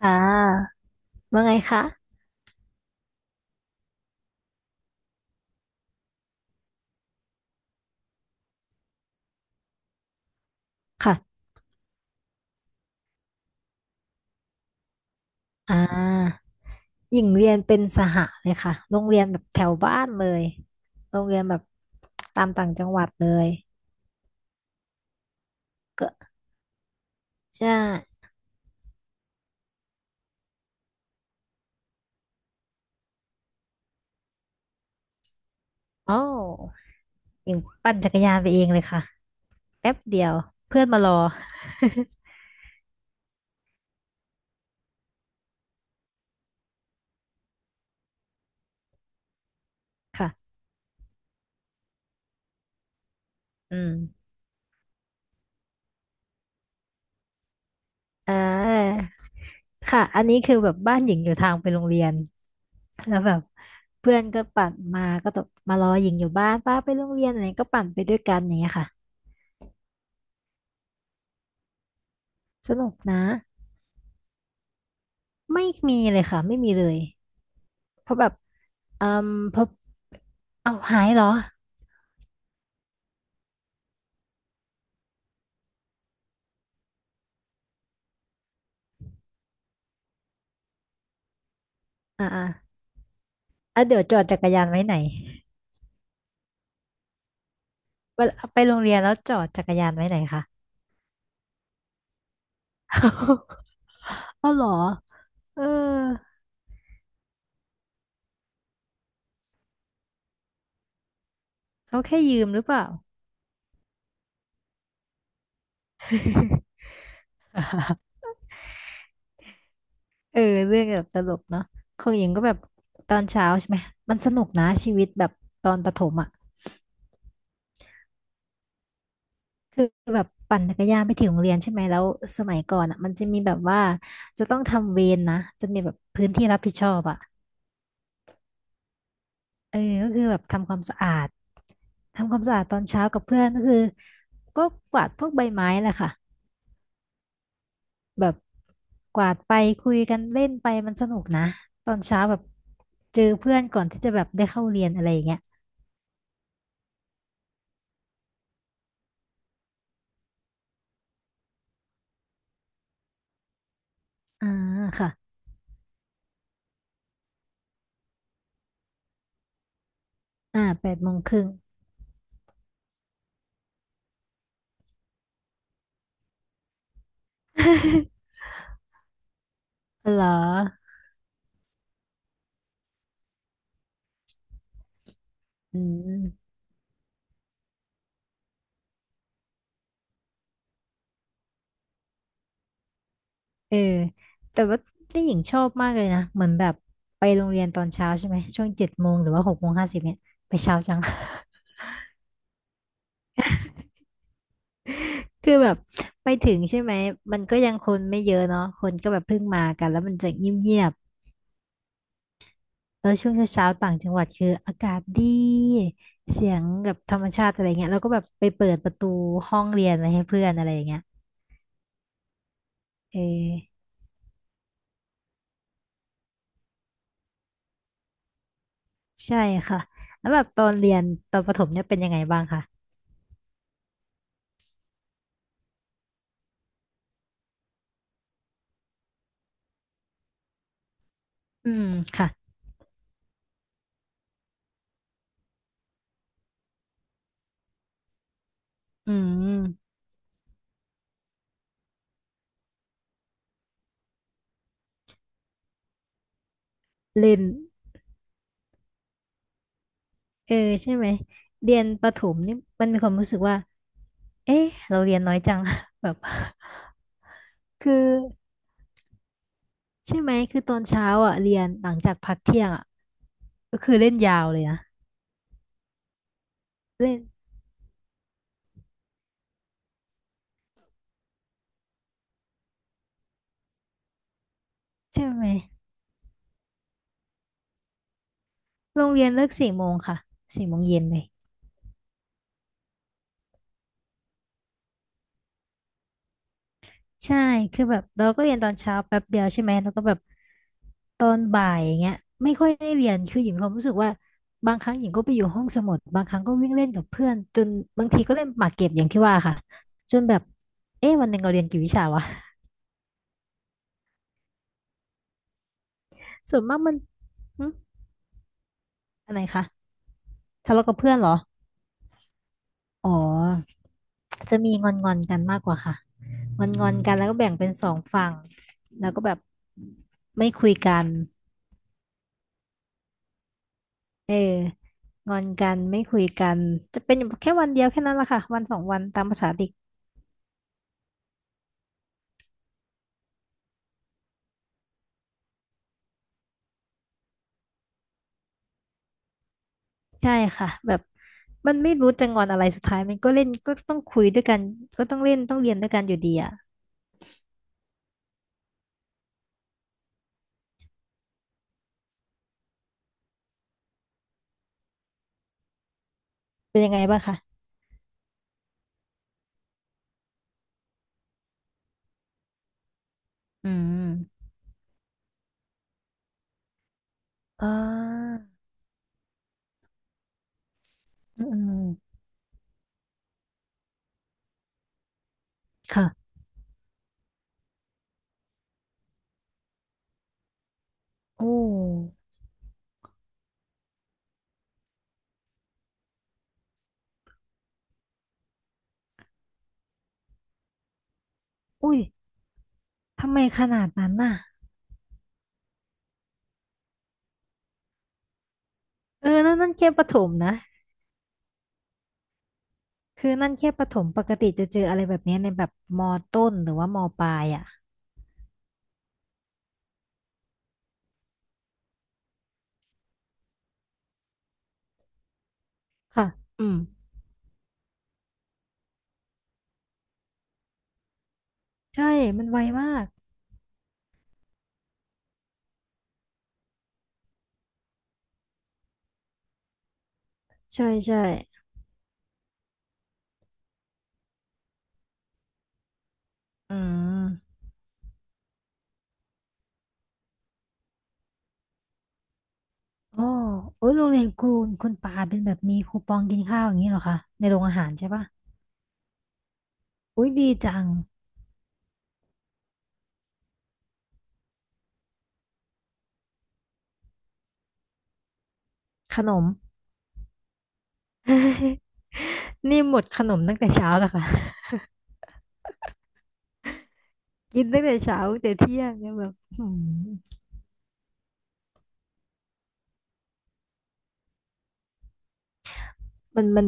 ค่ะว่าไงคะค่ะอ่าหญิงเรียนเป็นสหเลยค่ะโรงเรียนแบบแถวบ้านเลยโรงเรียนแบบตามต่างจังหวัดเลยก็ใช่โอ้าวหญิงปั่นจักรยานไปเองเลยค่ะแป๊บเดียวเพื่อนมารอ ค่ะอืมอ่าค่ะอันนี้คือแบบบ้านหญิงอยู่ทางไปโรงเรียนแล้วแบบเพื่อนก็ปั่นมาก็ตบมารอหญิงอยู่บ้านป้าไปโรงเรียนอะไรก็ปั่นไปด้วยกันอย่างเงี้ยค่ะสนุกนะ ไม่มีเลยค่ะไม่มีเลยเพราะแบบเอ่มเพราะเอาหายเหรออ่าอ่าอ่ะเดี๋ยวจอดจักรยานไว้ไหนเวลาไปโรงเรียนแล้วจอดจักรยานไว้ไหนคะ เอาเหรอเออเขาแค่ยืมหรือเปล่า เออเรื่องแบบตลกเนาะของหญิงก็แบบตอนเช้าใช่ไหมมันสนุกนะชีวิตแบบตอนประถมอ่ะ คือแบบปั่นจักรยานไปถึงโรงเรียนใช่ไหมแล้วสมัยก่อนอ่ะมันจะมีแบบว่าจะต้องทำเวรนะจะมีแบบพื้นที่รับผิดชอบอ่ะเออก็คือแบบทำความสะอาดทำความสะอาดตอนเช้ากับเพื่อนก็คือก็กวาดพวกใบไม้แหละค่ะแบบกวาดไปคุยกันเล่นไปมันสนุกนะตอนเช้าแบบเจอเพื่อนก่อนที่จะแบบได้เข้าเรียนอะไรอย่างเงี้ยอ่าค่ะแปดโมงครึ่ง เหรออืม เออแต่ว่านี่หญิงชอบมากเลยนะ เหมือนแบบไปโรงเรียนตอนเช้าใช่ไหมช่วงเจ็ดโมงหรือว่าหกโมงห้าสิบเนี่ยไปเช้าจัง คือแบบไปถึงใช่ไหมมันก็ยังคนไม่เยอะเนาะคนก็แบบเพิ่งมากันแล้วมันจะเงียบๆแล้วช่วงเช้าๆต่างจังหวัดคืออากาศดีเสียงแบบธรรมชาติอะไรเงี้ยแล้วก็แบบไปเปิดประตูห้องเรียนไว้ให้เพื่อนอะไรอย่างเงี้ยเออใช่ค่ะแล้วแบบตอนเรียนตอนประถมเนี่ยเป็นยังไงบ้างคะอืมค่ะอืมเล่น เออใช่ไหมเรียนประถมนี่มันมีความรู้สึกว่าเอ๊ะเราเรียนน้อยจัง แบบ คือใช่ไหมคือตอนเช้าอ่ะเรียนหลังจากพักเที่ยงอ่ะก็คือเล่นยาวเลยนะเล่นใช่ไหมโรงเรียนเลิกสี่โมงค่ะสี่โมงเย็นเลย ใช่คือแบบเราก็เรียนตอนเช้าแป๊บเดียวใช่ไหมแล้วก็แบบตอนบ่ายอย่างเงี้ยไม่ค่อยได้เรียน คือหญิงมีความรู้สึกว่าบางครั้งหญิงก็ไปอยู่ห้องสมุดบางครั้งก็วิ่งเล่นกับเพื่อนจนบางทีก็เล่นหมากเก็บอย่างที่ว่าค่ะจนแบบเอ๊ะวันหนึ่งเราเรียนกี่วิชาวะ ส่วนมากมันหึอะไรคะทะเลาะกับเพื่อนเหรออ๋อจะมีงอนงอนกันมากกว่าค่ะงอนงอนกันแล้วก็แบ่งเป็นสองฝั่งแล้วก็แบบไม่คุยกัน เอองอนกันไม่คุยกันจะเป็นอยู่แค่วันเดียวแค่นั้นแหละค่ะวันสองวันตามภาษาเด็กใช่ค่ะแบบมันไม่รู้จะงอนอะไรสุดท้ายมันก็เล่นก็ต้องคุยด้วยกันก็ต้องเล่นต้องเรียนด้วยกันอยู่ดีอ่ะเป็นยังไงบ้างคะอืมอ่าอืมอืมค่ะโอ้อุ้ยทำไมขนาดนั้นน่ะเออนั่นนั่นแค่ประถมนะคือนั่นแค่ประถมปกติจะเจออะไรแบบเนี้ยในแบบมอต้นหรือว่ามอปลายอ่ะค่ะอืมใช่มันไวมากใช่ใช่ อืมโอ้โอ้ยโรงเรียนคุณคุณปาเป็นแบบมีคูปองกินข้าวอย่างนี้เหรอคะในโรงอาหารใช่ปะอุ้ยดีจังขนม นี่หมดขนมตั้งแต่เช้าแล้วค่ะกินตั้งแต่เช้าตั้งแต่เที่ยงเนี่ยแบบหืมมันมัน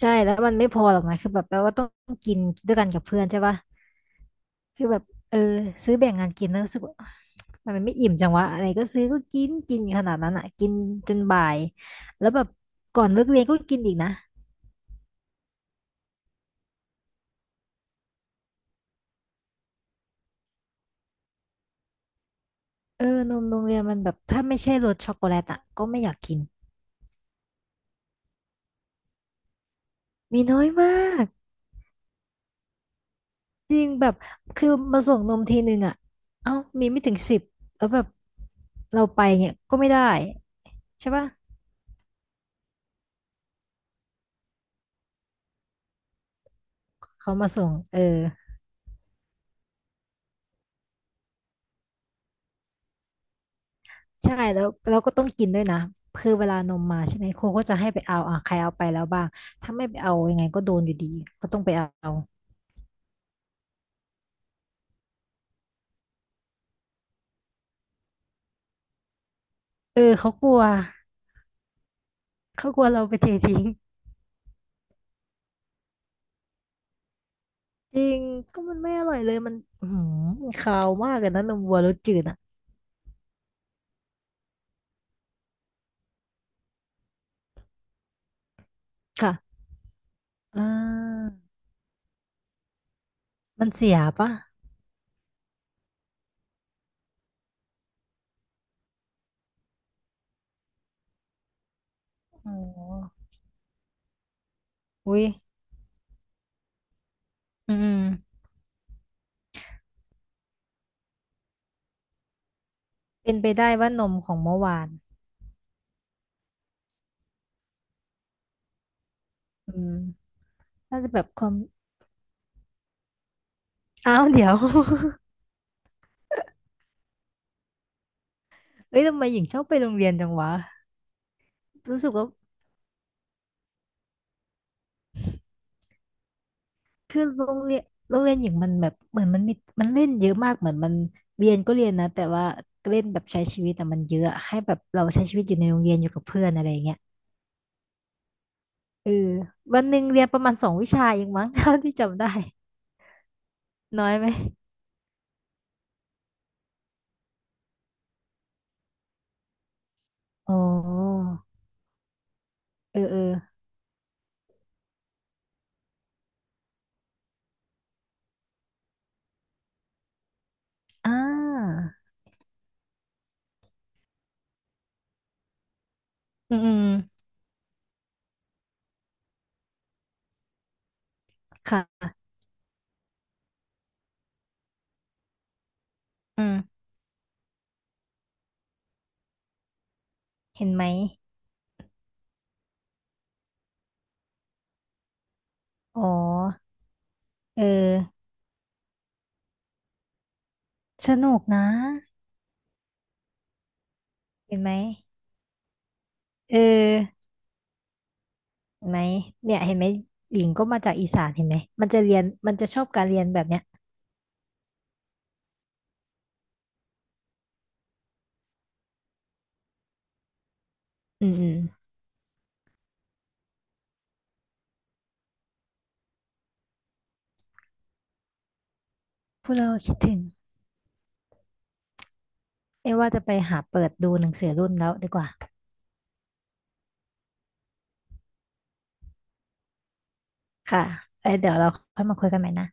ใช่แล้วมันไม่พอหรอกนะคือแบบเราก็ต้องกินด้วยกันกับเพื่อนใช่ปะคือแบบเออซื้อแบ่งงานกินแล้วรู้สึกว่าัมันไม่อิ่มจังวะอะไรก็ซื้อก็กินกินขนาดนั้นอ่ะกินจนบ่ายแล้วแบบก่อนเลิกเรียนก็กินอีกนะ เออนมโรงเรียนมันแบบถ้าไม่ใช่รสช็อกโกแลตอ่ะก็ไม่อยากกินมีน้อยมากจริงแบบคือมาส่งนมทีหนึ่งอ่ะเอ้ามีไม่ถึงสิบแล้วแบบเราไปเนี่ยก็ไม่ได้ใช่ปะเขามาส่งเออใช่แล้วเราก็ต้องกินด้วยนะคือเวลานมมาใช่ไหมครูก็จะให้ไปเอาอ่ะใครเอาไปแล้วบ้างถ้าไม่ไปเอายังไงก็โดนอยู่ดีก็ต้องไปเอาเออเขากลัวเขากลัวเราไปเททิ้งจริงก็มันไม่อร่อยเลยมันอือหือคาวมากเลยนะนมวัวรสจืดอ่ะ ค่ะอ่ามันเสียปะอ๋ออุ้ยอืมเป็นไปได้ว่านมของเมื่อวานอืมน่าจะแบบความ อ้าวเดี๋ยว เอ้ย ทำไมหญิงชอบไปโรงเรียนจังวะรู้สึกว่าคือโรงเรียนโรงเรียนหญิงมันแบบเหมือนมันมีมันเล่นเยอะมากเหมือนมันเรียนก็เรียนนะแต่ว่าเล่นแบบใช้ชีวิตแต่มันเยอะให้แบบเราใช้ชีวิตอยู่ในโรงเรียนอยู่กับเพื่อนอะไรอย่างเงี้ยเออวันหนึ่งเรียนประมาณสองวิชาเองมั้ง เท่าที่จำได้น้อยไหมอ๋อเออเออ อ่าอืมอืมค่ะอืมเห็นไหมอ๋อเออสนุกนะเห็นไหมเออเห็นไหมเนี่ยเห็นไหมหญิงก็มาจากอีสานเห็นไหมมันจะเรียนมันจะชอบการเรียนแบบเนี้ยอืมอืมพูดแล้วก็คิดถึงเอ้ว่าจะไปหาเปิดดูหนังสือรุ่นแล้วดีกว่าค่ะเอ้ยเดี๋ยวเราค่อยมาคุยกันใหม่นะ